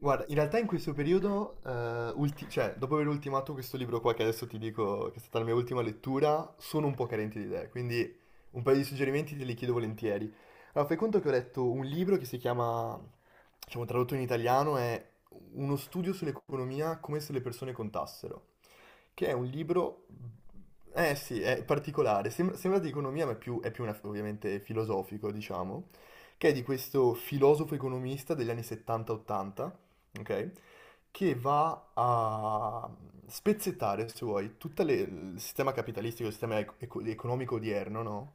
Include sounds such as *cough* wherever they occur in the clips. Guarda, in realtà in questo periodo, cioè, dopo aver ultimato questo libro qua che adesso ti dico che è stata la mia ultima lettura, sono un po' carente di idee, quindi un paio di suggerimenti te li chiedo volentieri. Allora, fai conto che ho letto un libro che si chiama, diciamo tradotto in italiano, è Uno studio sull'economia come se le persone contassero, che è un libro, eh sì, è particolare, sembra di economia ma è più ovviamente filosofico, diciamo, che è di questo filosofo economista degli anni 70-80, ok? Che va a spezzettare, se vuoi, tutto il sistema capitalistico, il sistema economico odierno, no?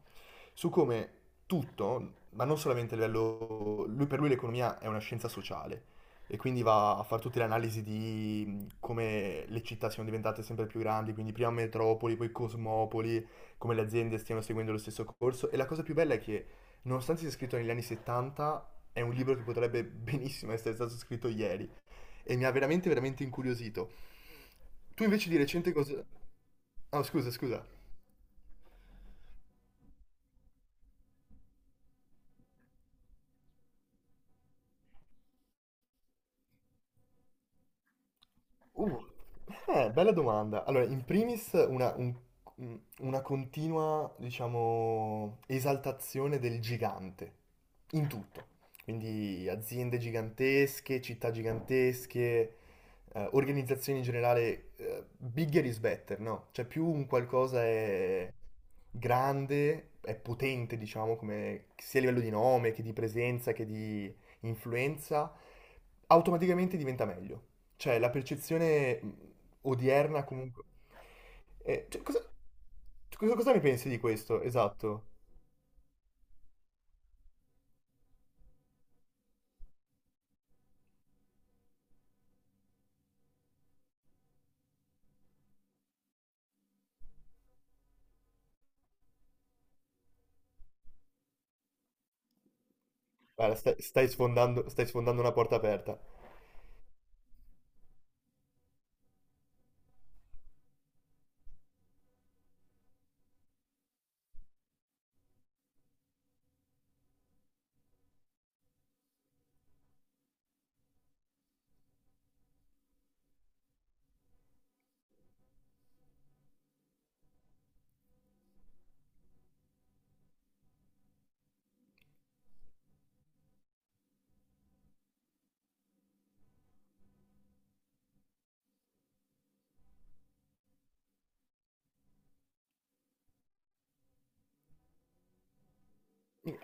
Su come tutto, ma non solamente a livello... Lui, per lui l'economia è una scienza sociale e quindi va a fare tutte le analisi di come le città siano diventate sempre più grandi, quindi prima metropoli, poi cosmopoli, come le aziende stiano seguendo lo stesso corso. E la cosa più bella è che, nonostante sia scritto negli anni 70, è un libro che potrebbe *laughs* benissimo essere stato scritto ieri e mi ha veramente, veramente incuriosito. Tu invece di recente cosa... Ah, scusa, scusa. Uh, Bella domanda. Allora, in primis una continua, diciamo, esaltazione del gigante, in tutto. Quindi aziende gigantesche, città gigantesche, organizzazioni in generale, bigger is better, no? Cioè più un qualcosa è grande, è potente, diciamo, come, sia a livello di nome, che di presenza, che di influenza, automaticamente diventa meglio. Cioè, la percezione odierna comunque... Cioè, cosa ne pensi di questo? Esatto. Guarda, stai sfondando una porta aperta.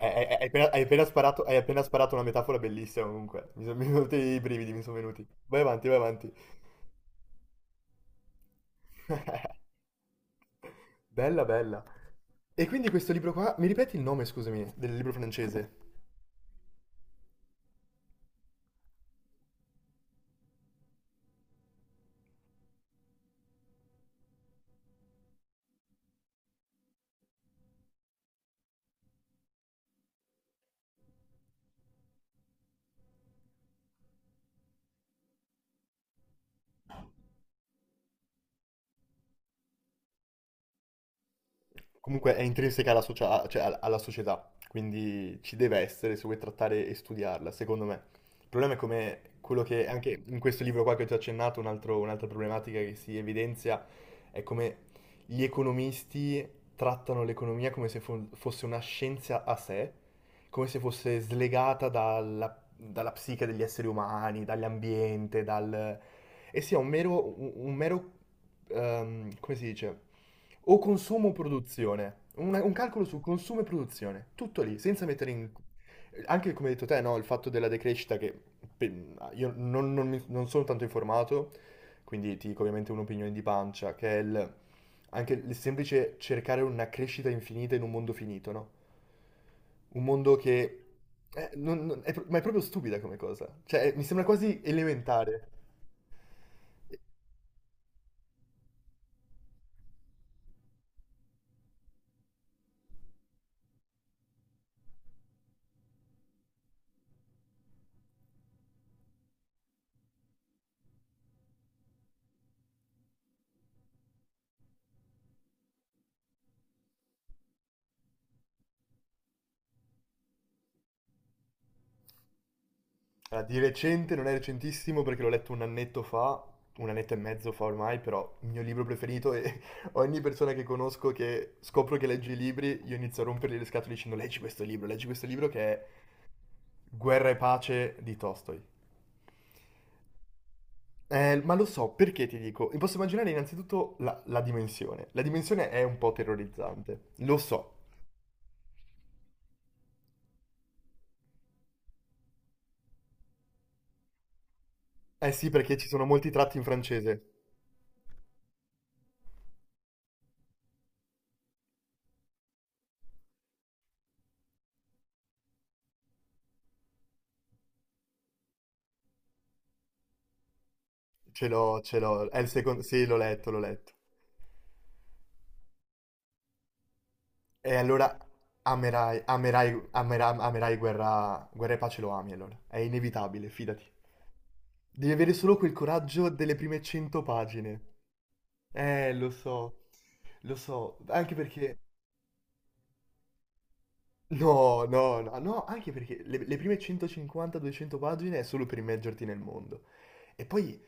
Hai appena sparato una metafora bellissima comunque. Mi sono venuti i brividi, mi sono venuti. Vai avanti, vai avanti. *laughs* Bella, bella. E quindi questo libro qua, mi ripeti il nome, scusami, del libro francese? Comunque è intrinseca cioè alla società, quindi ci deve essere se vuoi trattare e studiarla, secondo me. Il problema è come quello che anche in questo libro qua che ho già accennato, un'altra problematica che si evidenzia è come gli economisti trattano l'economia come se fosse una scienza a sé, come se fosse slegata dalla psiche degli esseri umani, dall'ambiente, dal... e sia un mero, come si dice? O consumo o produzione. Un calcolo su consumo e produzione. Tutto lì, senza mettere in... Anche come hai detto te, no? Il fatto della decrescita che io non sono tanto informato, quindi ti dico ovviamente un'opinione di pancia, che è anche il semplice cercare una crescita infinita in un mondo finito, no? Un mondo che... ma è proprio stupida come cosa. Cioè, mi sembra quasi elementare. Allora, di recente, non è recentissimo perché l'ho letto un annetto fa, un annetto e mezzo fa ormai, però il mio libro preferito e *laughs* ogni persona che conosco che scopro che legge i libri, io inizio a rompergli le scatole dicendo leggi questo libro che è Guerra e pace di Tolstoi. Ma lo so, perché ti dico? Mi posso immaginare innanzitutto la dimensione. La dimensione è un po' terrorizzante, lo so. Eh sì, perché ci sono molti tratti in francese. Ce l'ho, ce l'ho. È il secondo... Sì, l'ho letto, l'ho letto. E allora amerai Guerra e pace lo ami allora. È inevitabile, fidati. Devi avere solo quel coraggio delle prime 100 pagine. Lo so, lo so. Anche perché... No, no, no, no, anche perché le prime 150-200 pagine è solo per immergerti nel mondo. E poi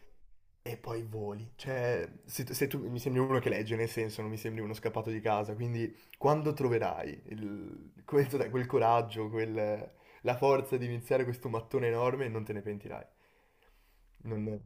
E poi voli. Cioè, se tu mi sembri uno che legge, nel senso, non mi sembri uno scappato di casa, quindi quando troverai quel, sai, quel coraggio, la forza di iniziare questo mattone enorme, non te ne pentirai. Non...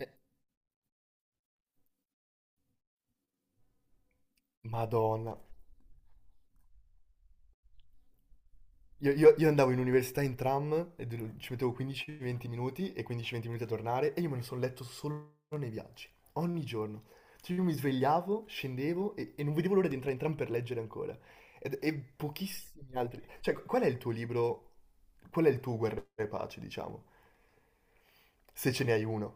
Eh, Madonna. Io andavo in università in tram e ci mettevo 15-20 minuti e 15-20 minuti a tornare e io me ne sono letto solo nei viaggi, ogni giorno. Cioè io mi svegliavo, scendevo e non vedevo l'ora di entrare in tram per leggere ancora. E, pochissimi altri. Cioè, qual è il tuo libro? Qual è il tuo Guerra e Pace, diciamo? Se ce ne hai uno.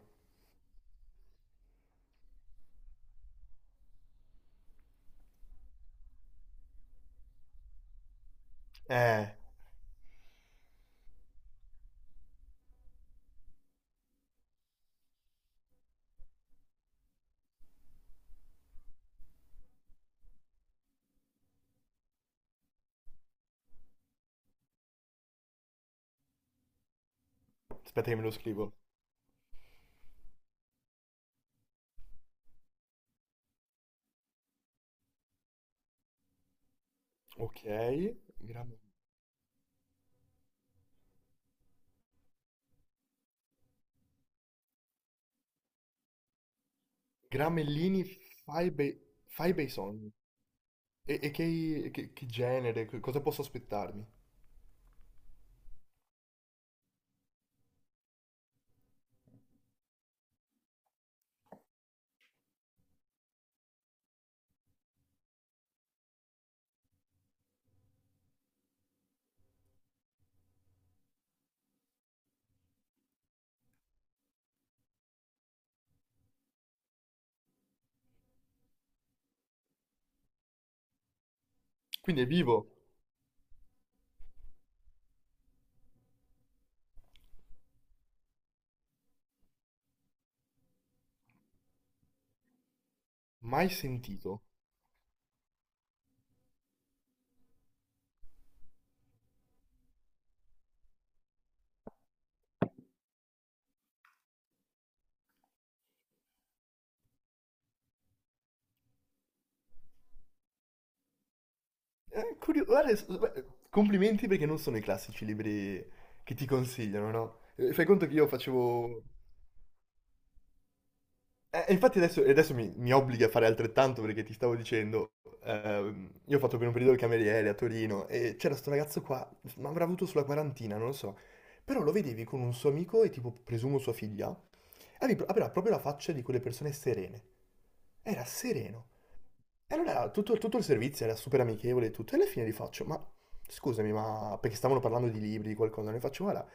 Eh, Aspetta che me lo scrivo. Ok, Gram- Gramellini, fai bei, fai bei sogni. E che genere, cosa posso aspettarmi? Quindi è vivo, mai sentito. Guarda, beh, complimenti perché non sono i classici libri che ti consigliano, no? Fai conto che io facevo... E infatti adesso, mi obblighi a fare altrettanto perché ti stavo dicendo, io ho fatto per un periodo il cameriere a Torino e c'era sto ragazzo qua, ma avrà avuto sulla quarantina, non lo so. Però lo vedevi con un suo amico e tipo, presumo sua figlia, aveva proprio la faccia di quelle persone serene. Era sereno. E allora tutto il servizio era super amichevole e tutto, e alla fine gli faccio, ma scusami, ma perché stavano parlando di libri, di qualcosa, ne faccio, guarda,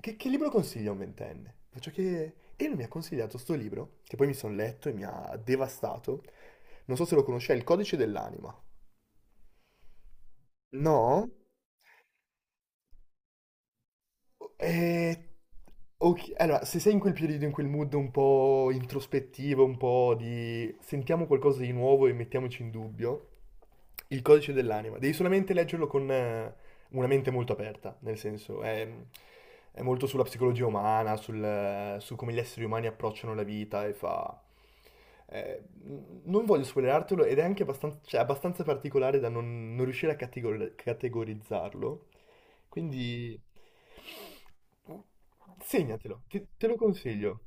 che libro consiglia a un ventenne? Faccio che... E lui mi ha consigliato sto libro, che poi mi sono letto e mi ha devastato. Non so se lo conosce, è Il codice dell'anima. No? Eh, ok, allora, se sei in quel periodo, in quel mood un po' introspettivo, un po' di sentiamo qualcosa di nuovo e mettiamoci in dubbio, il codice dell'anima, devi solamente leggerlo con una mente molto aperta, nel senso è molto sulla psicologia umana, su come gli esseri umani approcciano la vita e fa... non voglio spoilerartelo ed è anche abbastanza, cioè, abbastanza particolare da non riuscire a categorizzarlo. Quindi segnatelo, te lo consiglio.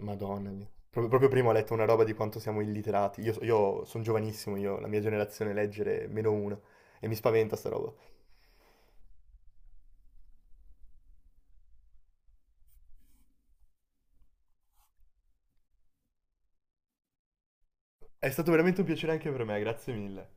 Madonna mia. Proprio, proprio prima ho letto una roba di quanto siamo illiterati. Io sono giovanissimo, io, la mia generazione leggere è meno uno. E mi spaventa sta roba. È stato veramente un piacere anche per me, grazie mille.